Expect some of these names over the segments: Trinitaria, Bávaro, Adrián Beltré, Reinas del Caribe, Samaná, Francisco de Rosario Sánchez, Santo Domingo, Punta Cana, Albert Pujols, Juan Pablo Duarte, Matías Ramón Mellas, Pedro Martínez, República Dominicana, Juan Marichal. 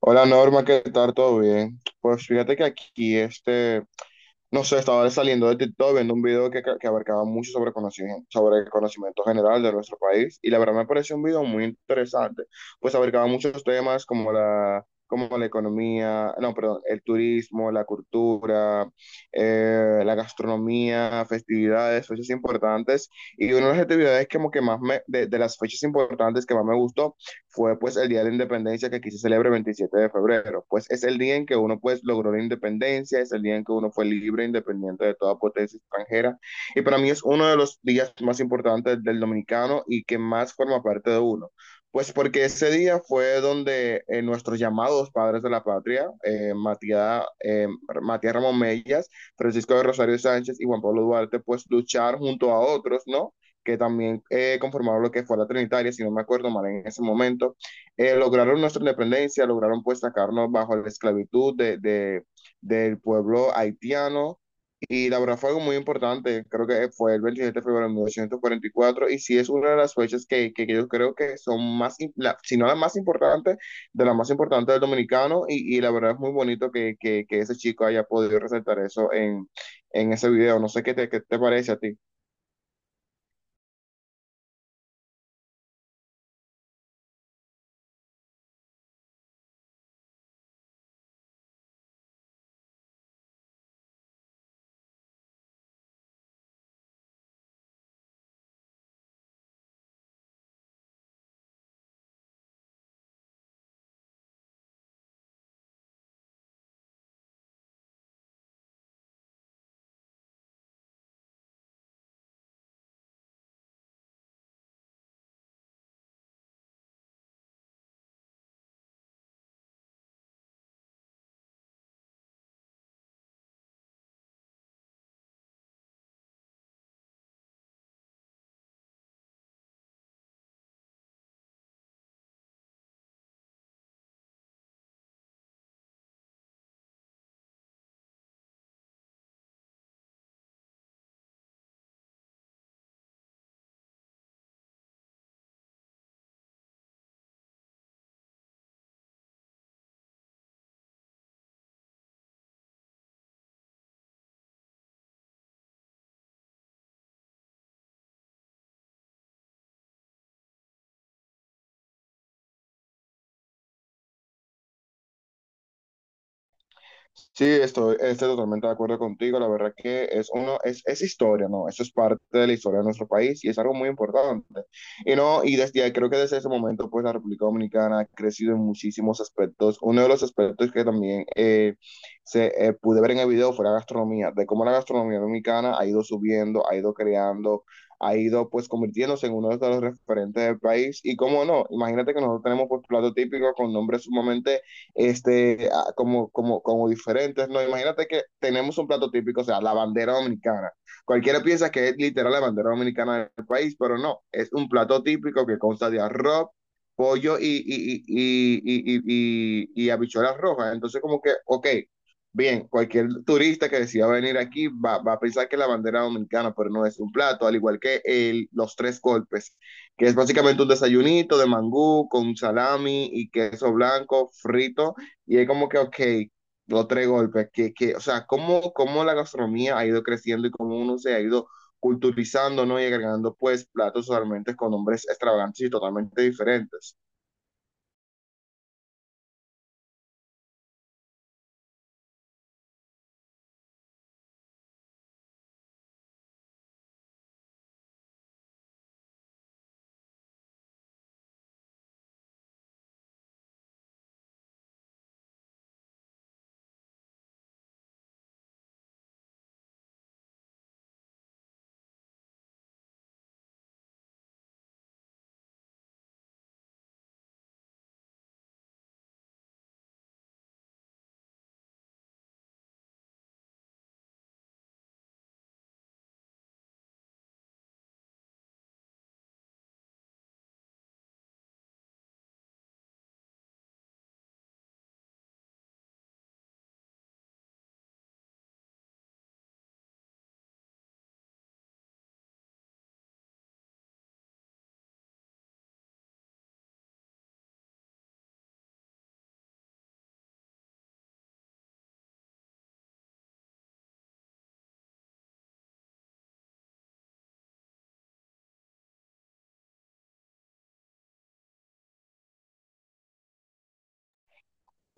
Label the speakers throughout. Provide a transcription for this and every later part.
Speaker 1: Hola Norma, ¿qué tal? ¿Todo bien? Pues fíjate que aquí, este, no sé, estaba saliendo de TikTok viendo un video que abarcaba mucho sobre conocimiento, sobre el conocimiento general de nuestro país y la verdad me pareció un video muy interesante. Pues abarcaba muchos temas como la economía, no, perdón, el turismo, la cultura, la gastronomía, festividades, fechas importantes, y una de las actividades como que de las fechas importantes que más me gustó fue pues el Día de la Independencia, que aquí se celebra el 27 de febrero. Pues es el día en que uno pues logró la independencia, es el día en que uno fue libre, independiente de toda potencia extranjera. Y para mí es uno de los días más importantes del dominicano y que más forma parte de uno. Pues porque ese día fue donde nuestros llamados padres de la patria, Matías Ramón Mellas, Francisco de Rosario Sánchez y Juan Pablo Duarte, pues lucharon junto a otros, ¿no? Que también conformaron lo que fue la Trinitaria, si no me acuerdo mal, en ese momento lograron nuestra independencia, lograron pues sacarnos bajo la esclavitud del pueblo haitiano. Y la verdad fue algo muy importante. Creo que fue el 27 de febrero de 1944 y cuatro, y sí, es una de las fechas que yo creo que son más, la, si no la más importante, de la más importante del dominicano. Y, y la verdad es muy bonito que ese chico haya podido resaltar eso en ese video. No sé qué te parece a ti. Sí, estoy totalmente de acuerdo contigo. La verdad que es historia, ¿no? Eso es parte de la historia de nuestro país y es algo muy importante. Y no, y desde ahí, creo que desde ese momento, pues la República Dominicana ha crecido en muchísimos aspectos. Uno de los aspectos que también se pude ver en el video fue la gastronomía, de cómo la gastronomía dominicana ha ido subiendo, ha ido creando, ha ido pues convirtiéndose en uno de los referentes del país. Y cómo no, imagínate que nosotros tenemos pues platos típicos con nombres sumamente como diferentes, ¿no? Imagínate que tenemos un plato típico, o sea, la bandera dominicana. Cualquiera piensa que es literal la bandera dominicana del país, pero no, es un plato típico que consta de arroz, pollo y habichuelas rojas. Entonces, como que, ok, bien, cualquier turista que decida venir aquí va a pensar que la bandera dominicana, pero no, es un plato, al igual que el, los tres golpes, que es básicamente un desayunito de mangú con salami y queso blanco frito. Y es como que, ok, los tres golpes, o sea, cómo, cómo la gastronomía ha ido creciendo y cómo uno se ha ido culturizando, ¿no? Y agregando pues platos totalmente con nombres extravagantes y totalmente diferentes.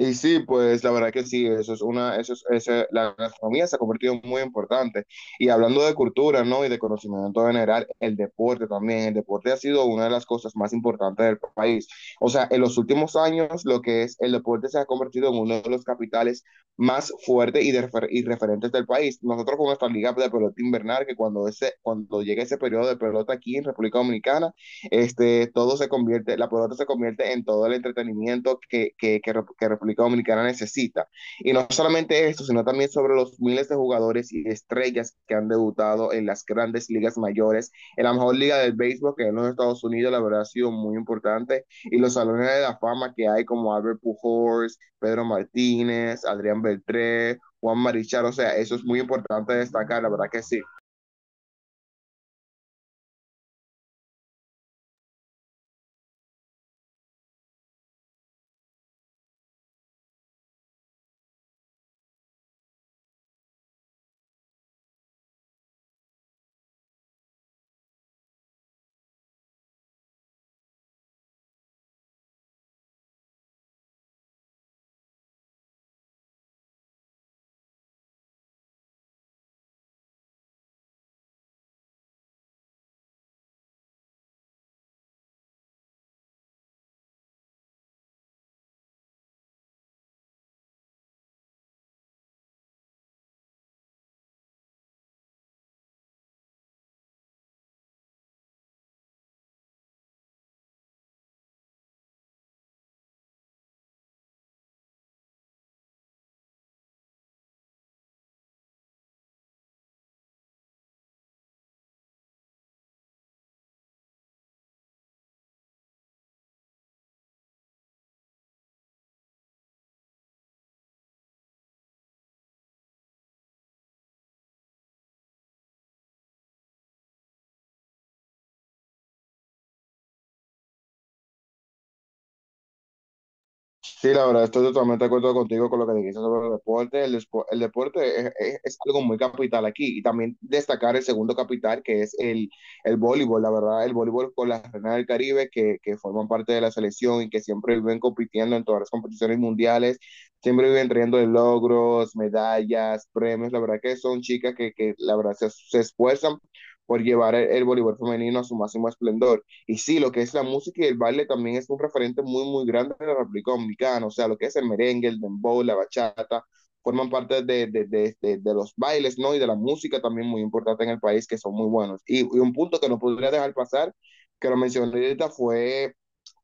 Speaker 1: Y sí, pues la verdad que sí, eso es una, eso es, ese- la gastronomía se ha convertido en muy importante. Y hablando de cultura, ¿no? Y de conocimiento general, el deporte también, el deporte ha sido una de las cosas más importantes del país. O sea, en los últimos años, lo que es el deporte se ha convertido en uno de los capitales más fuertes y referentes del país. Nosotros con nuestra liga de pelota invernal, que cuando ese, cuando llega ese periodo de pelota aquí en República Dominicana, este, todo se convierte, la pelota se convierte en todo el entretenimiento que República Dominicana necesita. Y no solamente esto, sino también sobre los miles de jugadores y estrellas que han debutado en las grandes ligas mayores, en la mejor liga del béisbol que en los Estados Unidos, la verdad, ha sido muy importante, y los salones de la fama que hay como Albert Pujols, Pedro Martínez, Adrián Beltré, Juan Marichal. O sea, eso es muy importante destacar, la verdad que sí. Sí, la verdad, estoy totalmente de acuerdo contigo con lo que dijiste sobre el deporte. El deporte es algo muy capital aquí, y también destacar el segundo capital, que es el voleibol. La verdad, el voleibol con las Reinas del Caribe que forman parte de la selección y que siempre viven compitiendo en todas las competiciones mundiales, siempre viven trayendo logros, medallas, premios. La verdad que son chicas que la verdad se esfuerzan por llevar el voleibol femenino a su máximo esplendor. Y sí, lo que es la música y el baile también es un referente muy, muy grande de la República Dominicana. O sea, lo que es el merengue, el dembow, la bachata, forman parte de los bailes, ¿no? Y de la música también muy importante en el país, que son muy buenos. Y y un punto que no podría dejar pasar, que lo mencioné ahorita, fue,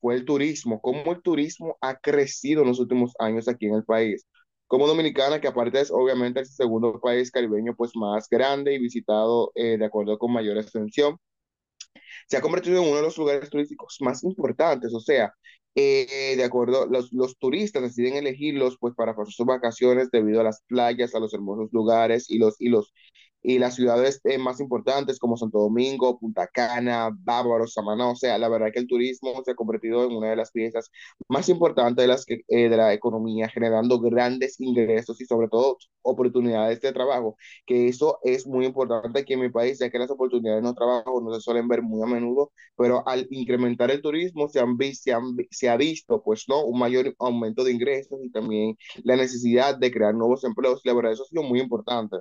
Speaker 1: fue el turismo. Cómo el turismo ha crecido en los últimos años aquí en el país. Como Dominicana, que aparte es obviamente el segundo país caribeño pues más grande y visitado, de acuerdo con mayor extensión, se ha convertido en uno de los lugares turísticos más importantes. O sea, de acuerdo, los turistas deciden elegirlos pues para pasar sus vacaciones debido a las playas, a los hermosos lugares y las ciudades más importantes, como Santo Domingo, Punta Cana, Bávaro, Samaná. O sea, la verdad que el turismo se ha convertido en una de las piezas más importantes de la economía, generando grandes ingresos, y sobre todo oportunidades de trabajo, que eso es muy importante aquí en mi país, ya que las oportunidades de los trabajos no se suelen ver muy a menudo. Pero al incrementar el turismo se, han, vi- se, han se ha visto, pues, ¿no?, un mayor aumento de ingresos y también la necesidad de crear nuevos empleos, y la verdad, eso ha sido muy importante.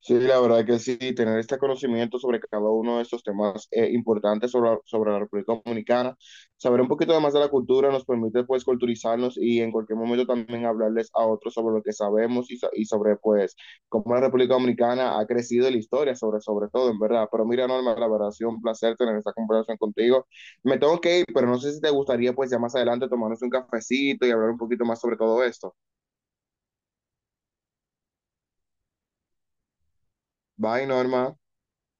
Speaker 1: Sí, la verdad que sí, tener este conocimiento sobre cada uno de estos temas importantes sobre la República Dominicana, saber un poquito más de la cultura nos permite pues culturizarnos, y en cualquier momento también hablarles a otros sobre lo que sabemos, y sobre pues cómo la República Dominicana ha crecido en la historia, sobre todo, en verdad. Pero mira, Norma, la verdad ha sido un placer tener esta conversación contigo. Me tengo que ir, pero no sé si te gustaría pues ya más adelante tomarnos un cafecito y hablar un poquito más sobre todo esto. Bye, Norma.